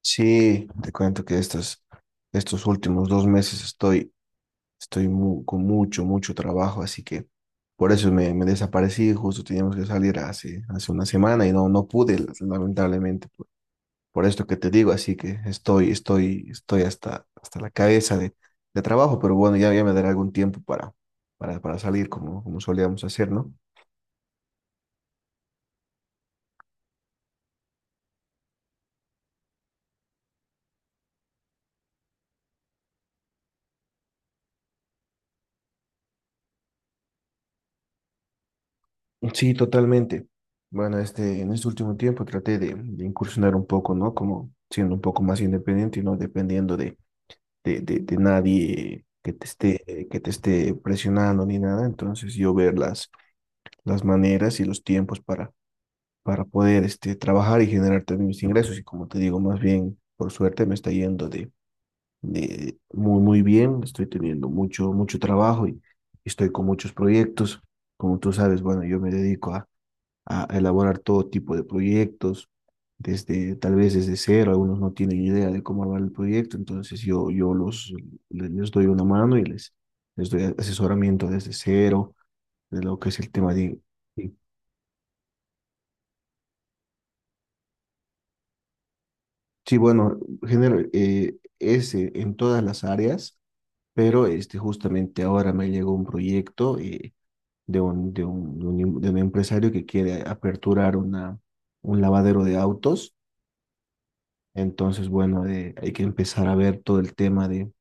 Sí, te cuento que estos últimos dos meses estoy con mucho trabajo, así que por eso me desaparecí, justo teníamos que salir hace una semana y no pude, lamentablemente, por esto que te digo, así que estoy hasta la cabeza de trabajo, pero bueno, ya me daré algún tiempo para salir como solíamos hacer, ¿no? Sí, totalmente. Bueno, este, en este último tiempo traté de incursionar un poco, ¿no? Como siendo un poco más independiente y no dependiendo de nadie que te que te esté presionando ni nada. Entonces yo ver las maneras y los tiempos para poder este, trabajar y generar también mis ingresos. Y como te digo, más bien, por suerte me está yendo de muy bien. Estoy teniendo mucho trabajo y estoy con muchos proyectos. Como tú sabes, bueno, yo me dedico a elaborar todo tipo de proyectos, desde, tal vez desde cero, algunos no tienen idea de cómo armar el proyecto, entonces yo les doy una mano y les doy asesoramiento desde cero, de lo que es el tema de... Sí, bueno, general es en todas las áreas, pero este, justamente ahora me llegó un proyecto de un empresario que quiere aperturar un lavadero de autos. Entonces, bueno, de- hay que empezar a ver todo el tema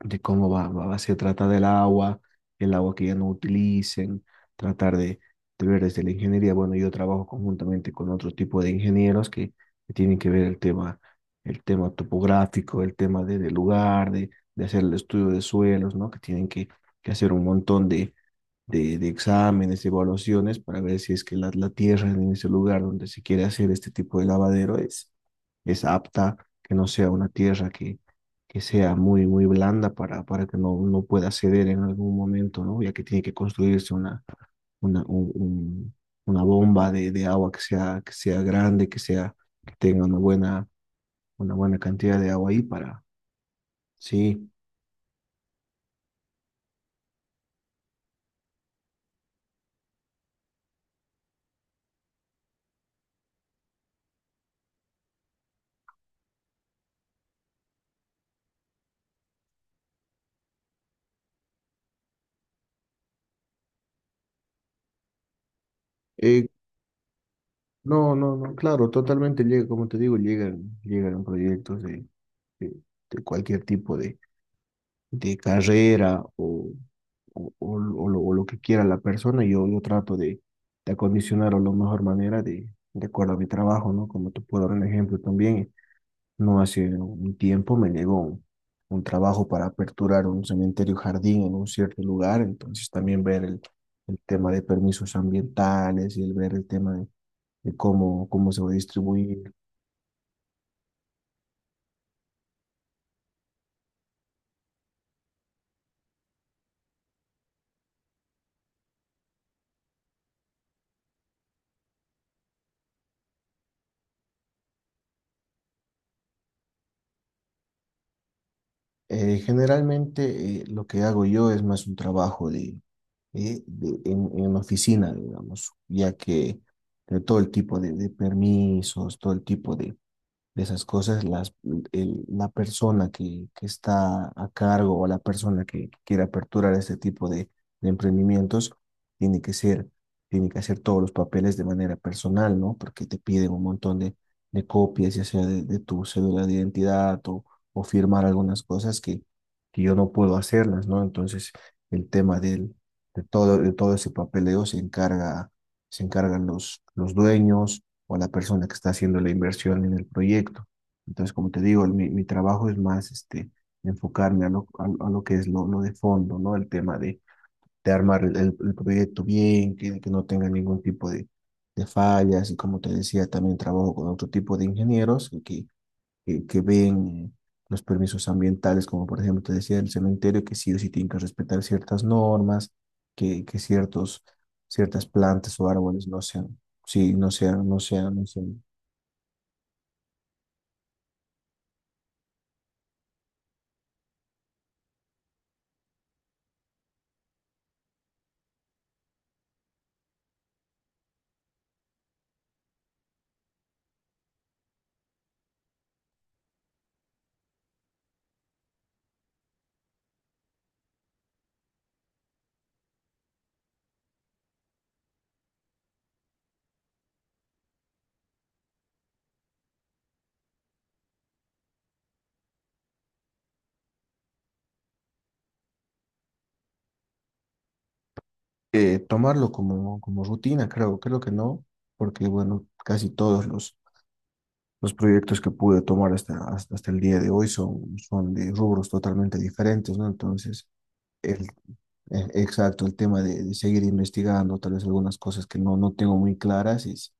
de cómo se trata del agua, el agua que ya no utilicen, tratar de ver desde la ingeniería. Bueno, yo trabajo conjuntamente con otro tipo de ingenieros que tienen que ver el tema topográfico, el tema del lugar, de hacer el estudio de suelos, ¿no? Que tienen que hacer un montón de exámenes, de evaluaciones, para ver si es que la tierra en ese lugar donde se quiere hacer este tipo de lavadero es apta, que no sea una tierra que sea muy blanda para que no pueda ceder en algún momento, ¿no? Ya que tiene que construirse una, un- un- una bomba de agua que que sea grande, que que tenga una buena cantidad de agua ahí para, sí. Eh, no, no, no, claro, totalmente llega, como te digo, llegan proyectos de, de cualquier tipo de carrera o lo que quiera la persona, yo trato de acondicionarlo de la mejor manera de acuerdo a mi trabajo, ¿no? Como te puedo dar un ejemplo también, no hace un tiempo me llegó un trabajo para aperturar un cementerio jardín en un cierto lugar, entonces también ver el tema de permisos ambientales y el ver el tema de cómo, cómo se va a distribuir. Generalmente lo que hago yo es más un trabajo de en una oficina, digamos, ya que de todo el tipo de permisos, todo el tipo de esas cosas, la persona que está a cargo o la persona que quiere aperturar este tipo de emprendimientos tiene que tiene que hacer todos los papeles de manera personal, ¿no? Porque te piden un montón de copias, ya sea de tu cédula de identidad o firmar algunas cosas que yo no puedo hacerlas, ¿no? Entonces, el tema de todo ese papeleo se encargan los dueños o a la persona que está haciendo la inversión en el proyecto. Entonces, como te digo, mi trabajo es más este, enfocarme a lo que es lo de fondo, ¿no? El tema de armar el proyecto bien, que no tenga ningún tipo de fallas. Y como te decía, también trabajo con otro tipo de ingenieros que ven los permisos ambientales, como por ejemplo te decía, el cementerio, que sí o sí tienen que respetar ciertas normas, que ciertas plantas o árboles no sean, sí, no sean tomarlo como, como rutina, creo que no, porque bueno, casi todos los proyectos que pude tomar hasta el día de hoy son de rubros totalmente diferentes, ¿no? Entonces, el, exacto, el tema de seguir investigando, tal vez algunas cosas que no tengo muy claras, es,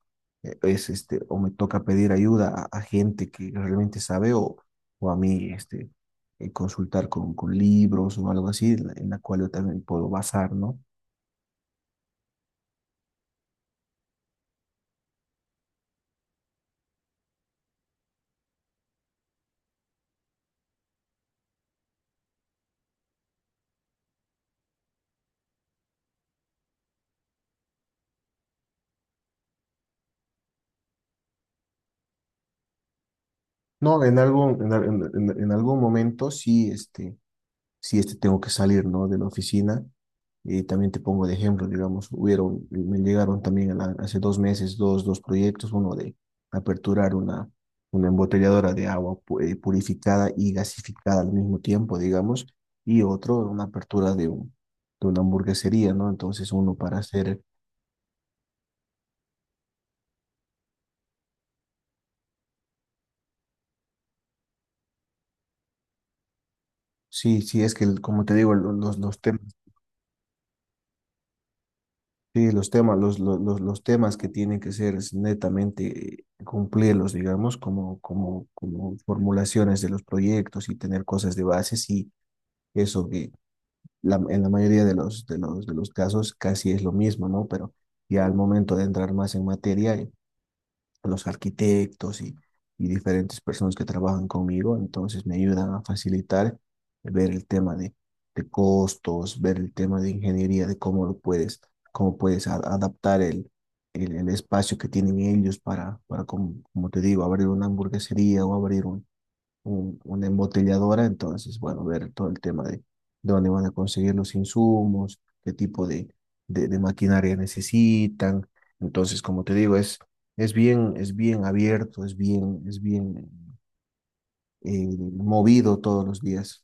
eh, es este, o me toca pedir ayuda a gente que realmente sabe o a mí, este, consultar con libros o algo así, en en la cual yo también puedo basar, ¿no? No, en algún, en, al- en- En algún momento sí, este tengo que salir, ¿no? De la oficina. Y también te pongo de ejemplo, digamos, hubieron, me llegaron también a la- hace dos meses dos proyectos, uno de aperturar una embotelladora de agua purificada y gasificada al mismo tiempo, digamos, y otro, una apertura de, un, de una hamburguesería, ¿no? Entonces uno para hacer, sí, sí, es que el- como te digo, los temas. Sí, los temas, los temas que tienen que ser es netamente cumplirlos, digamos, como formulaciones de los proyectos y tener cosas de base, sí, eso que la- en la mayoría de los casos casi es lo mismo, ¿no? Pero ya al momento de entrar más en materia, los arquitectos y diferentes personas que trabajan conmigo, entonces me ayudan a facilitar ver el tema de costos, ver el tema de ingeniería, de cómo lo cómo puedes adaptar el espacio que tienen ellos para como, como te digo, abrir una hamburguesería o abrir una embotelladora, entonces, bueno, ver todo el tema de dónde van a conseguir los insumos, qué tipo de maquinaria necesitan. Entonces, como te digo, es bien abierto, es bien movido todos los días.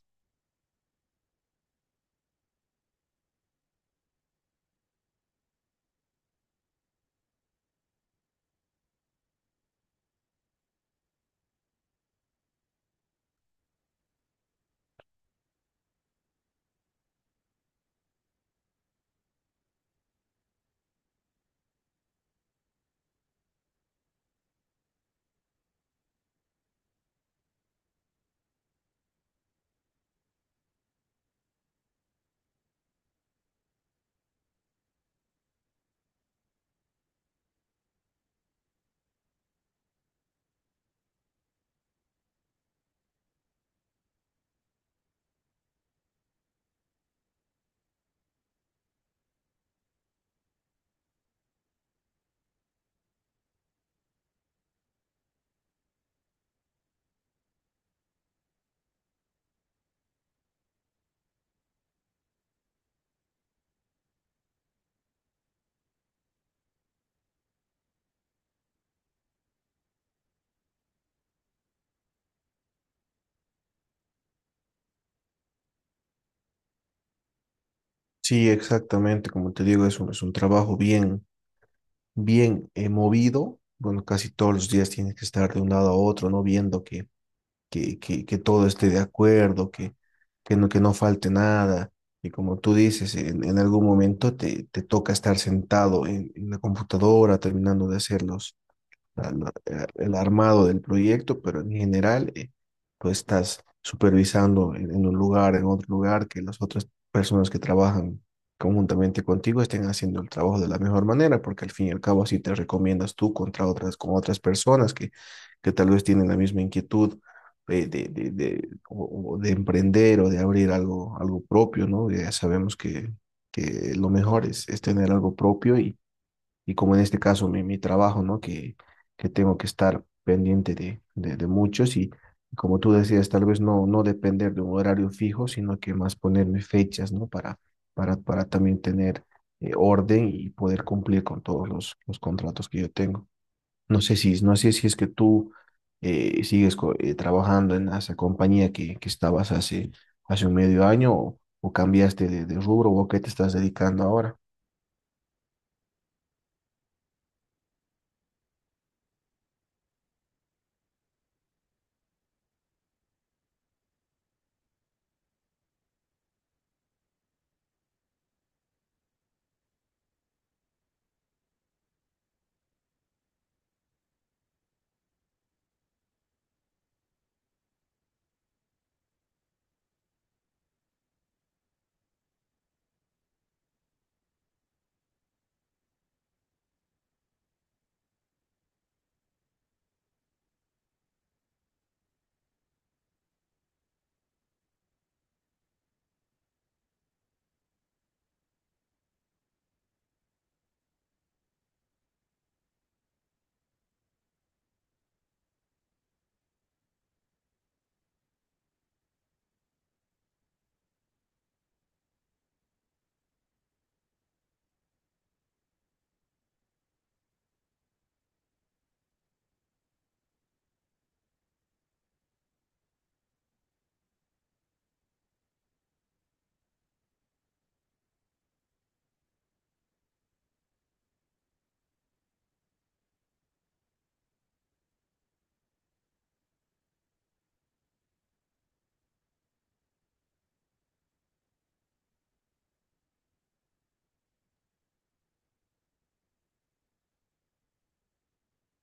Sí, exactamente, como te digo, es un trabajo bien movido. Bueno, casi todos los días tienes que estar de un lado a otro, ¿no? Viendo que todo esté de acuerdo, que que no falte nada. Y como tú dices, en algún momento te toca estar sentado en la computadora terminando de hacer el armado del proyecto, pero en general tú estás supervisando en un lugar, en otro lugar, que las otras personas que trabajan conjuntamente contigo estén haciendo el trabajo de la mejor manera, porque al fin y al cabo así te recomiendas tú contra otras, con otras personas que tal vez tienen la misma inquietud. O de emprender o de abrir algo, algo propio, ¿no? Ya sabemos que lo mejor es tener algo propio y como en este caso mi trabajo, ¿no? Que tengo que estar pendiente de muchos y como tú decías, tal vez no depender de un horario fijo, sino que más ponerme fechas, ¿no? Para también tener orden y poder cumplir con todos los contratos que yo tengo. No sé si es que tú trabajando en esa compañía que estabas hace un medio año o cambiaste de rubro o a qué te estás dedicando ahora.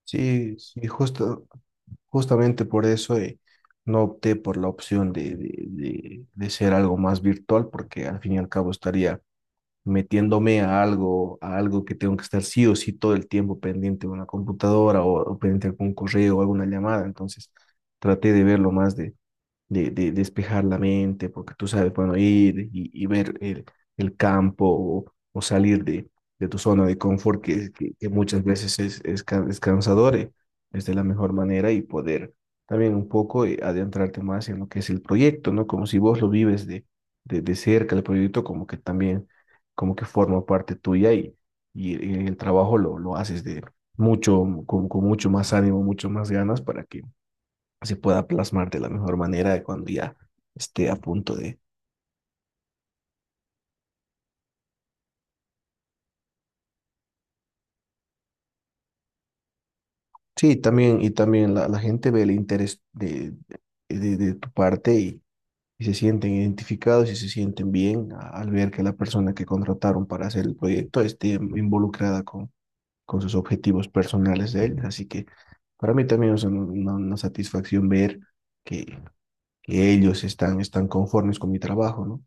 Sí, sí, justo, justamente por eso no opté por la opción de ser algo más virtual, porque al fin y al cabo estaría metiéndome a algo que tengo que estar sí o sí todo el tiempo pendiente de una computadora o pendiente de algún correo o alguna llamada. Entonces traté de verlo más de despejar la mente, porque tú sabes, bueno, ir y ver el campo o salir de tu zona de confort, que muchas veces es cansador, es de la mejor manera y poder también un poco adentrarte más en lo que es el proyecto, ¿no? Como si vos lo vives de cerca, el proyecto como que también, como que forma parte tuya y el trabajo lo haces de mucho, con mucho más ánimo, mucho más ganas para que se pueda plasmar de la mejor manera cuando ya esté a punto de... Sí, también, y también la gente ve el interés de tu parte y se sienten identificados y se sienten bien a- al ver que la persona que contrataron para hacer el proyecto esté involucrada con sus objetivos personales de ellos. Así que para mí también es una satisfacción ver que, que ellos están, están conformes con mi trabajo, ¿no?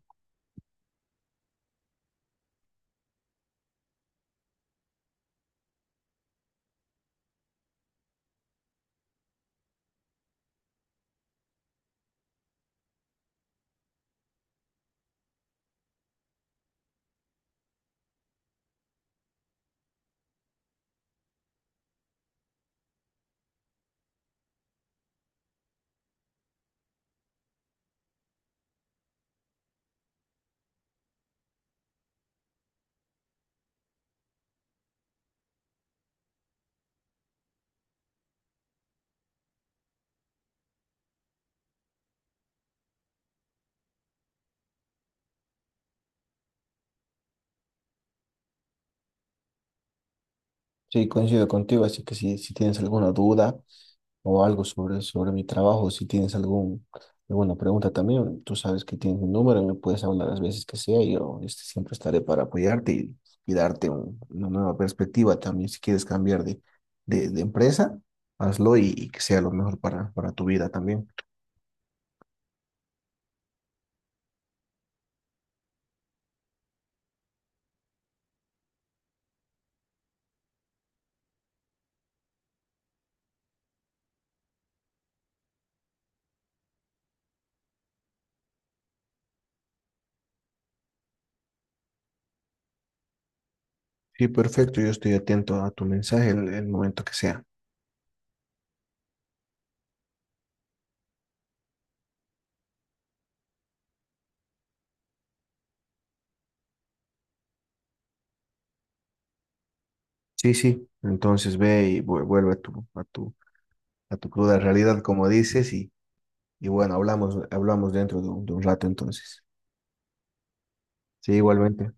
Sí, coincido contigo, así que si tienes alguna duda o algo sobre, sobre mi trabajo, si tienes algún, alguna pregunta también, tú sabes que tienes mi número, me puedes hablar las veces que sea, y yo este, siempre estaré para apoyarte y darte una nueva perspectiva también. Si quieres cambiar de empresa, hazlo y que sea lo mejor para tu vida también. Sí, perfecto, yo estoy atento a tu mensaje en el momento que sea. Sí, sí, entonces ve y vuelve a tu cruda realidad, como dices, y Y bueno, hablamos dentro de un rato entonces. Sí, igualmente.